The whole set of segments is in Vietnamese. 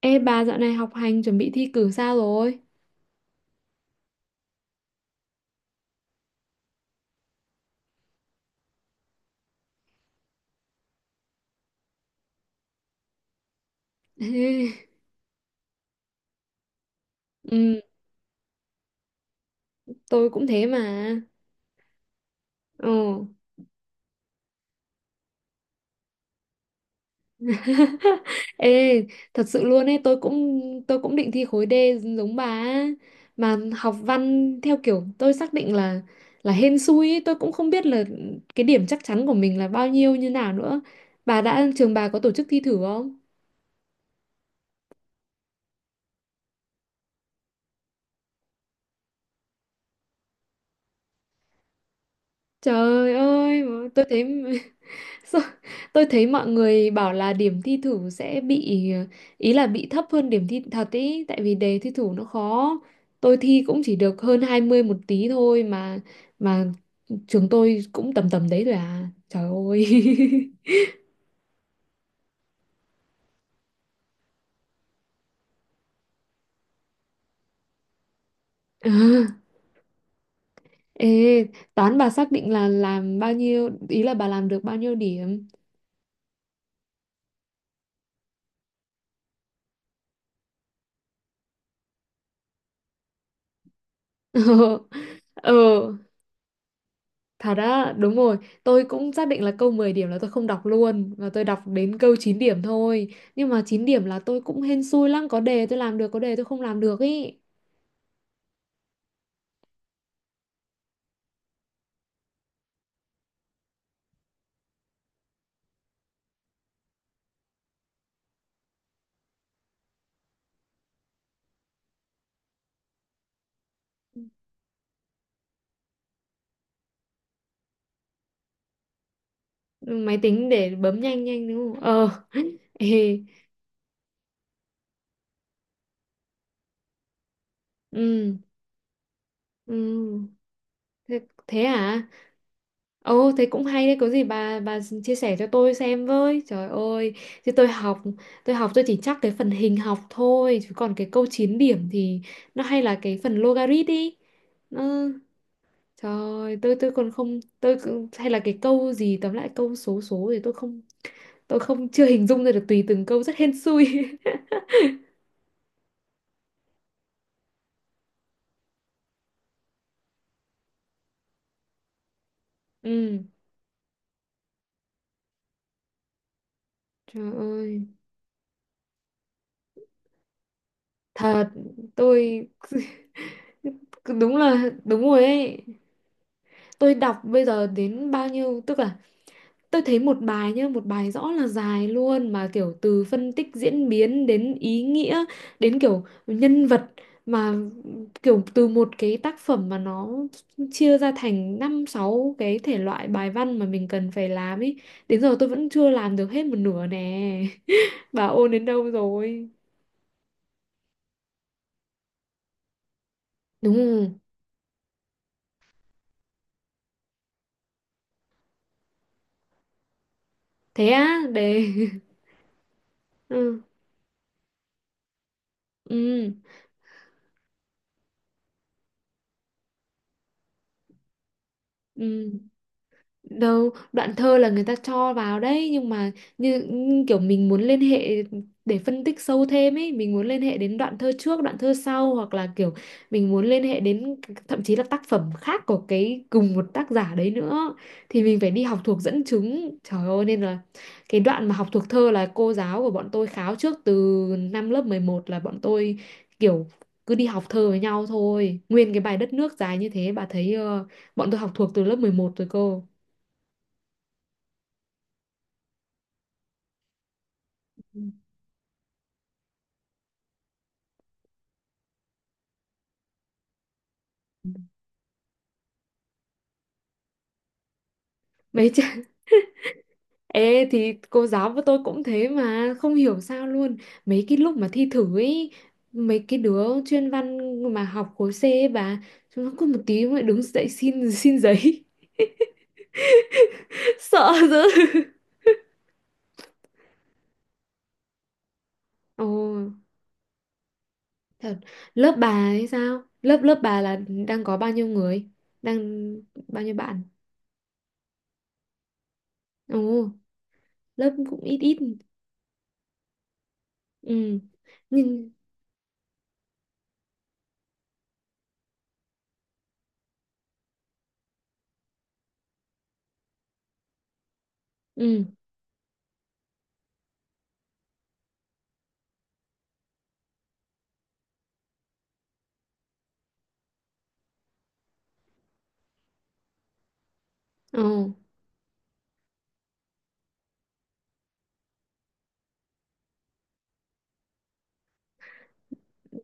Ê bà, dạo này học hành chuẩn bị thi cử sao rồi? Ê, ừ, tôi cũng thế mà. Ồ. Ê, thật sự luôn ấy, tôi cũng định thi khối D giống bà á. Mà học văn theo kiểu tôi xác định là hên xui ấy, tôi cũng không biết là cái điểm chắc chắn của mình là bao nhiêu như nào nữa. Bà, đã trường bà có tổ chức thi thử không? Trời ơi, tôi thấy. Sao- Tôi thấy mọi người bảo là điểm thi thử sẽ bị, ý là bị thấp hơn điểm thi thật ý, tại vì đề thi thử nó khó. Tôi thi cũng chỉ được hơn 20 một tí thôi mà trường tôi cũng tầm tầm đấy rồi à. Trời ơi. À, ê, toán bà xác định là làm bao nhiêu, ý là bà làm được bao nhiêu điểm? Ờ. Ờ. Thật á, đúng rồi, tôi cũng xác định là câu 10 điểm là tôi không đọc luôn, và tôi đọc đến câu 9 điểm thôi. Nhưng mà 9 điểm là tôi cũng hên xui lắm, có đề tôi làm được, có đề tôi không làm được ý. Máy tính để bấm nhanh nhanh đúng không? Ờ. Ê, ừ, ừ. Thế, thế à? Ồ, thế cũng hay đấy, có gì bà chia sẻ cho tôi xem với. Trời ơi, chứ tôi học tôi chỉ chắc cái phần hình học thôi, chứ còn cái câu 9 điểm thì nó hay là cái phần logarit đi. Ừ. Trời ơi, tôi còn không, hay là cái câu gì, tóm lại câu số số thì tôi không chưa hình dung ra được, tùy từng câu rất hên xui. Ừ, trời ơi, thật tôi. Đúng là đúng rồi ấy. Tôi đọc bây giờ đến bao nhiêu, tức là tôi thấy một bài nhá, một bài rõ là dài luôn, mà kiểu từ phân tích diễn biến đến ý nghĩa, đến kiểu nhân vật, mà kiểu từ một cái tác phẩm mà nó chia ra thành năm sáu cái thể loại bài văn mà mình cần phải làm ấy. Đến giờ tôi vẫn chưa làm được hết một nửa nè. Bà ôn đến đâu rồi? Đúng rồi. Thế á, đề. Ừ. Ừ. Ừ. Đâu đoạn thơ là người ta cho vào đấy, nhưng mà như như kiểu mình muốn liên hệ để phân tích sâu thêm ấy, mình muốn liên hệ đến đoạn thơ trước đoạn thơ sau, hoặc là kiểu mình muốn liên hệ đến, thậm chí là tác phẩm khác của cái cùng một tác giả đấy nữa, thì mình phải đi học thuộc dẫn chứng, trời ơi, nên là cái đoạn mà học thuộc thơ là cô giáo của bọn tôi kháo trước từ năm lớp 11 là bọn tôi kiểu cứ đi học thơ với nhau thôi, nguyên cái bài đất nước dài như thế bà thấy, bọn tôi học thuộc từ lớp mười một rồi cô. Mấy chứ. Ê thì cô giáo của tôi cũng thế mà. Không hiểu sao luôn. Mấy cái lúc mà thi thử ấy, mấy cái đứa chuyên văn mà học khối C ấy bà, chúng nó cứ một tí lại đứng dậy xin xin giấy. Sợ dữ. Ồ, thật. Lớp bà ấy sao? Lớp lớp bà là đang có bao nhiêu người? Đang bao nhiêu bạn? Ồ, lớp cũng ít ít. Ừ. Nhưng. Ừ. Ồ.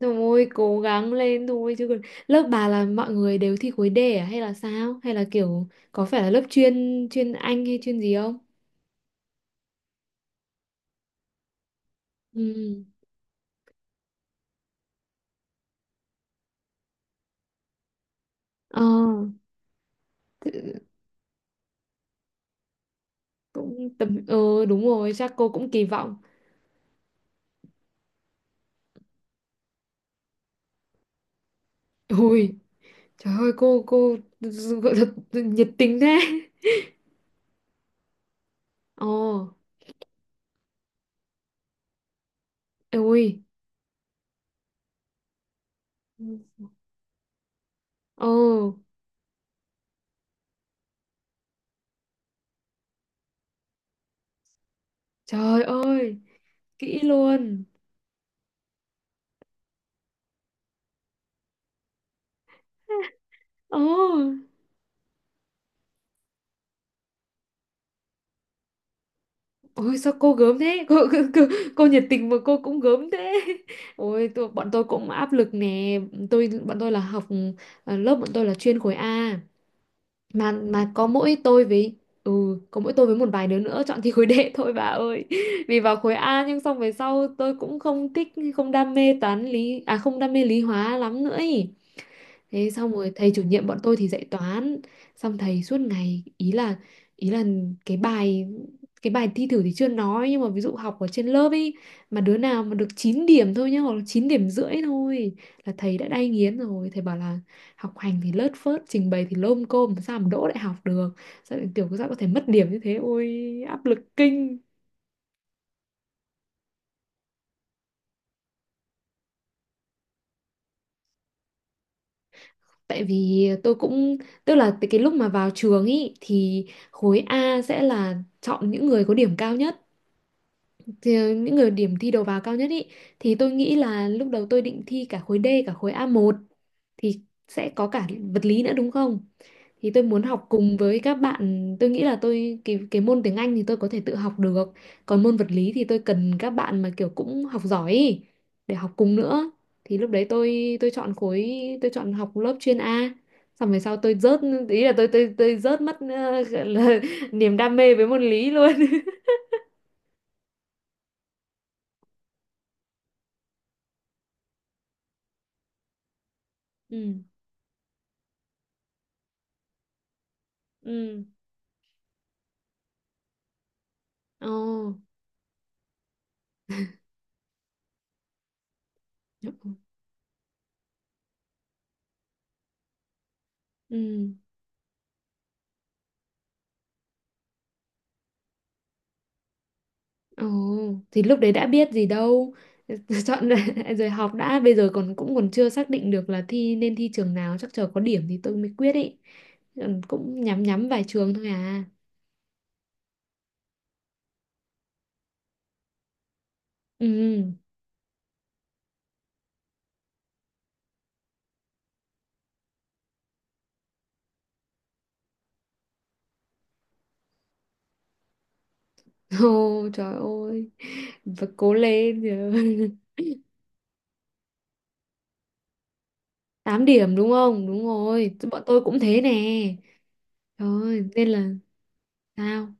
Thôi cố gắng lên thôi, chứ còn lớp bà là mọi người đều thi khối D à? Hay là sao? Hay là kiểu có phải là lớp chuyên chuyên Anh hay chuyên gì không? Ừ. Ờ cũng tầm, đúng rồi chắc cô cũng kỳ vọng. Ui trời ơi, cô gọi là nhiệt tình thế. Ờ, ui. Ờ, trời ơi, kỹ luôn. Ồ. Ôi sao cô gớm thế, cô nhiệt tình mà cô cũng gớm thế. Ôi, bọn tôi cũng áp lực nè. Tôi, bọn tôi là học, lớp bọn tôi là chuyên khối A. Mà có mỗi tôi với. Ừ, có mỗi tôi với một vài đứa nữa chọn thi khối D thôi bà ơi. Vì vào khối A nhưng xong về sau tôi cũng không thích. Không đam mê toán lý. À, không đam mê lý hóa lắm nữa ý. Thế xong rồi thầy chủ nhiệm bọn tôi thì dạy toán, xong thầy suốt ngày, ý là cái bài cái bài thi thử thì chưa nói, nhưng mà ví dụ học ở trên lớp ấy, mà đứa nào mà được 9 điểm thôi nhá, hoặc là 9 điểm rưỡi thôi, là thầy đã đay nghiến rồi, thầy bảo là học hành thì lớt phớt, trình bày thì lôm côm, sao mà đỗ đại học được, sao lại, sao có thể mất điểm như thế, ôi áp lực kinh. Tại vì tôi cũng, tức là cái lúc mà vào trường ý thì khối A sẽ là chọn những người có điểm cao nhất, thì những người điểm thi đầu vào cao nhất ý, thì tôi nghĩ là lúc đầu tôi định thi cả khối D cả khối a một, thì sẽ có cả vật lý nữa đúng không? Thì tôi muốn học cùng với các bạn, tôi nghĩ là tôi, cái môn tiếng Anh thì tôi có thể tự học được, còn môn vật lý thì tôi cần các bạn mà kiểu cũng học giỏi ý, để học cùng nữa. Thì lúc đấy tôi chọn học lớp chuyên A. Xong về sau tôi rớt, ý là tôi rớt mất, gọi là niềm đam mê với môn lý luôn. Ừ. Ừ. Ồ. Ừ. Ồ, thì lúc đấy đã biết gì đâu. Chọn lại rồi. Học đã, bây giờ còn cũng còn chưa xác định được là thi nên thi trường nào, chắc chờ có điểm thì tôi mới quyết ý. Còn cũng nhắm nhắm vài trường thôi à. Ừ. Ồ, trời ơi. Và cố lên giờ. Tám điểm đúng không? Đúng rồi. Bọn tôi cũng thế nè. Trời ơi, nên là sao?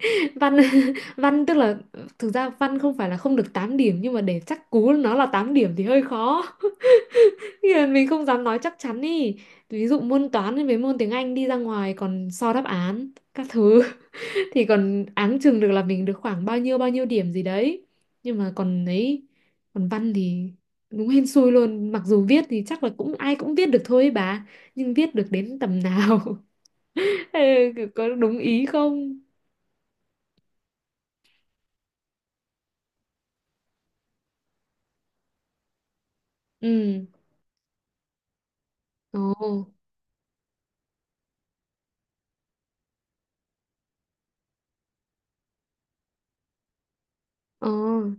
Văn. Văn tức là, thực ra văn không phải là không được 8 điểm, nhưng mà để chắc cú nó là 8 điểm thì hơi khó. Thì là mình không dám nói chắc chắn ý, ví dụ môn toán với mấy môn tiếng Anh đi ra ngoài còn so đáp án các thứ thì còn áng chừng được là mình được khoảng bao nhiêu điểm gì đấy, nhưng mà còn ấy, còn văn thì đúng hên xui luôn, mặc dù viết thì chắc là cũng ai cũng viết được thôi ấy bà, nhưng viết được đến tầm nào. Ê, có đúng ý không? Ừ. Ồ. Ờ,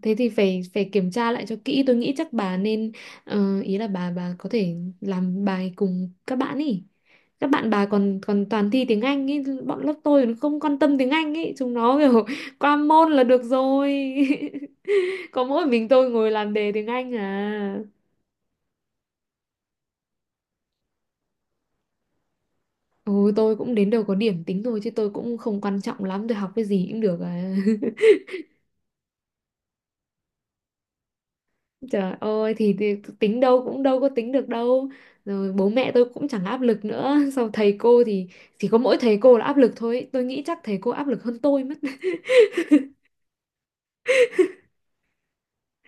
thế thì phải phải kiểm tra lại cho kỹ. Tôi nghĩ chắc bà nên, ý là bà có thể làm bài cùng các bạn ý. Các bạn bà còn còn toàn thi tiếng Anh ý, bọn lớp tôi nó không quan tâm tiếng Anh ý, chúng nó kiểu qua môn là được rồi. Có mỗi mình tôi ngồi làm đề tiếng Anh à. Ôi tôi cũng đến đầu có điểm tính thôi, chứ tôi cũng không quan trọng lắm, tôi học cái gì cũng được à. Trời ơi, thì tính đâu cũng đâu có tính được đâu. Rồi bố mẹ tôi cũng chẳng áp lực nữa. Sau thầy cô thì chỉ có mỗi thầy cô là áp lực thôi, tôi nghĩ chắc thầy cô áp lực hơn tôi mất.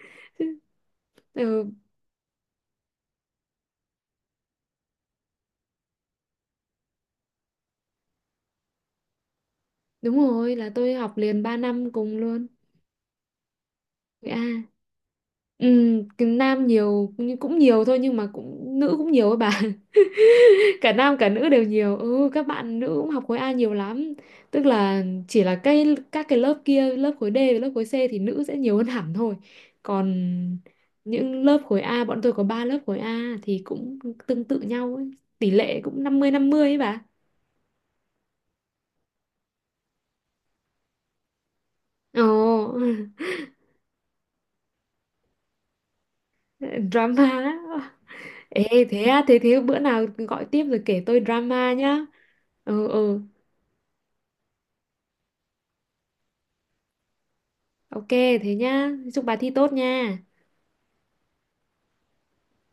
Chứ- ừ, đúng rồi, là tôi học liền 3 năm cùng luôn. À, ừ, cái nam nhiều nhưng cũng nhiều thôi, nhưng mà cũng nữ cũng nhiều ấy bà. Cả nam cả nữ đều nhiều, ừ các bạn nữ cũng học khối A nhiều lắm, tức là chỉ là các cái lớp kia, lớp khối D và lớp khối C thì nữ sẽ nhiều hơn hẳn thôi, còn những lớp khối A bọn tôi có 3 lớp khối A thì cũng tương tự nhau ấy. Tỷ lệ cũng 50 50 ấy bà. Ồ. Drama á. Ê thế á, thế thế bữa nào gọi tiếp rồi kể tôi drama nhá. Ừ, ừ, ok, thế nhá, chúc bà thi tốt nha.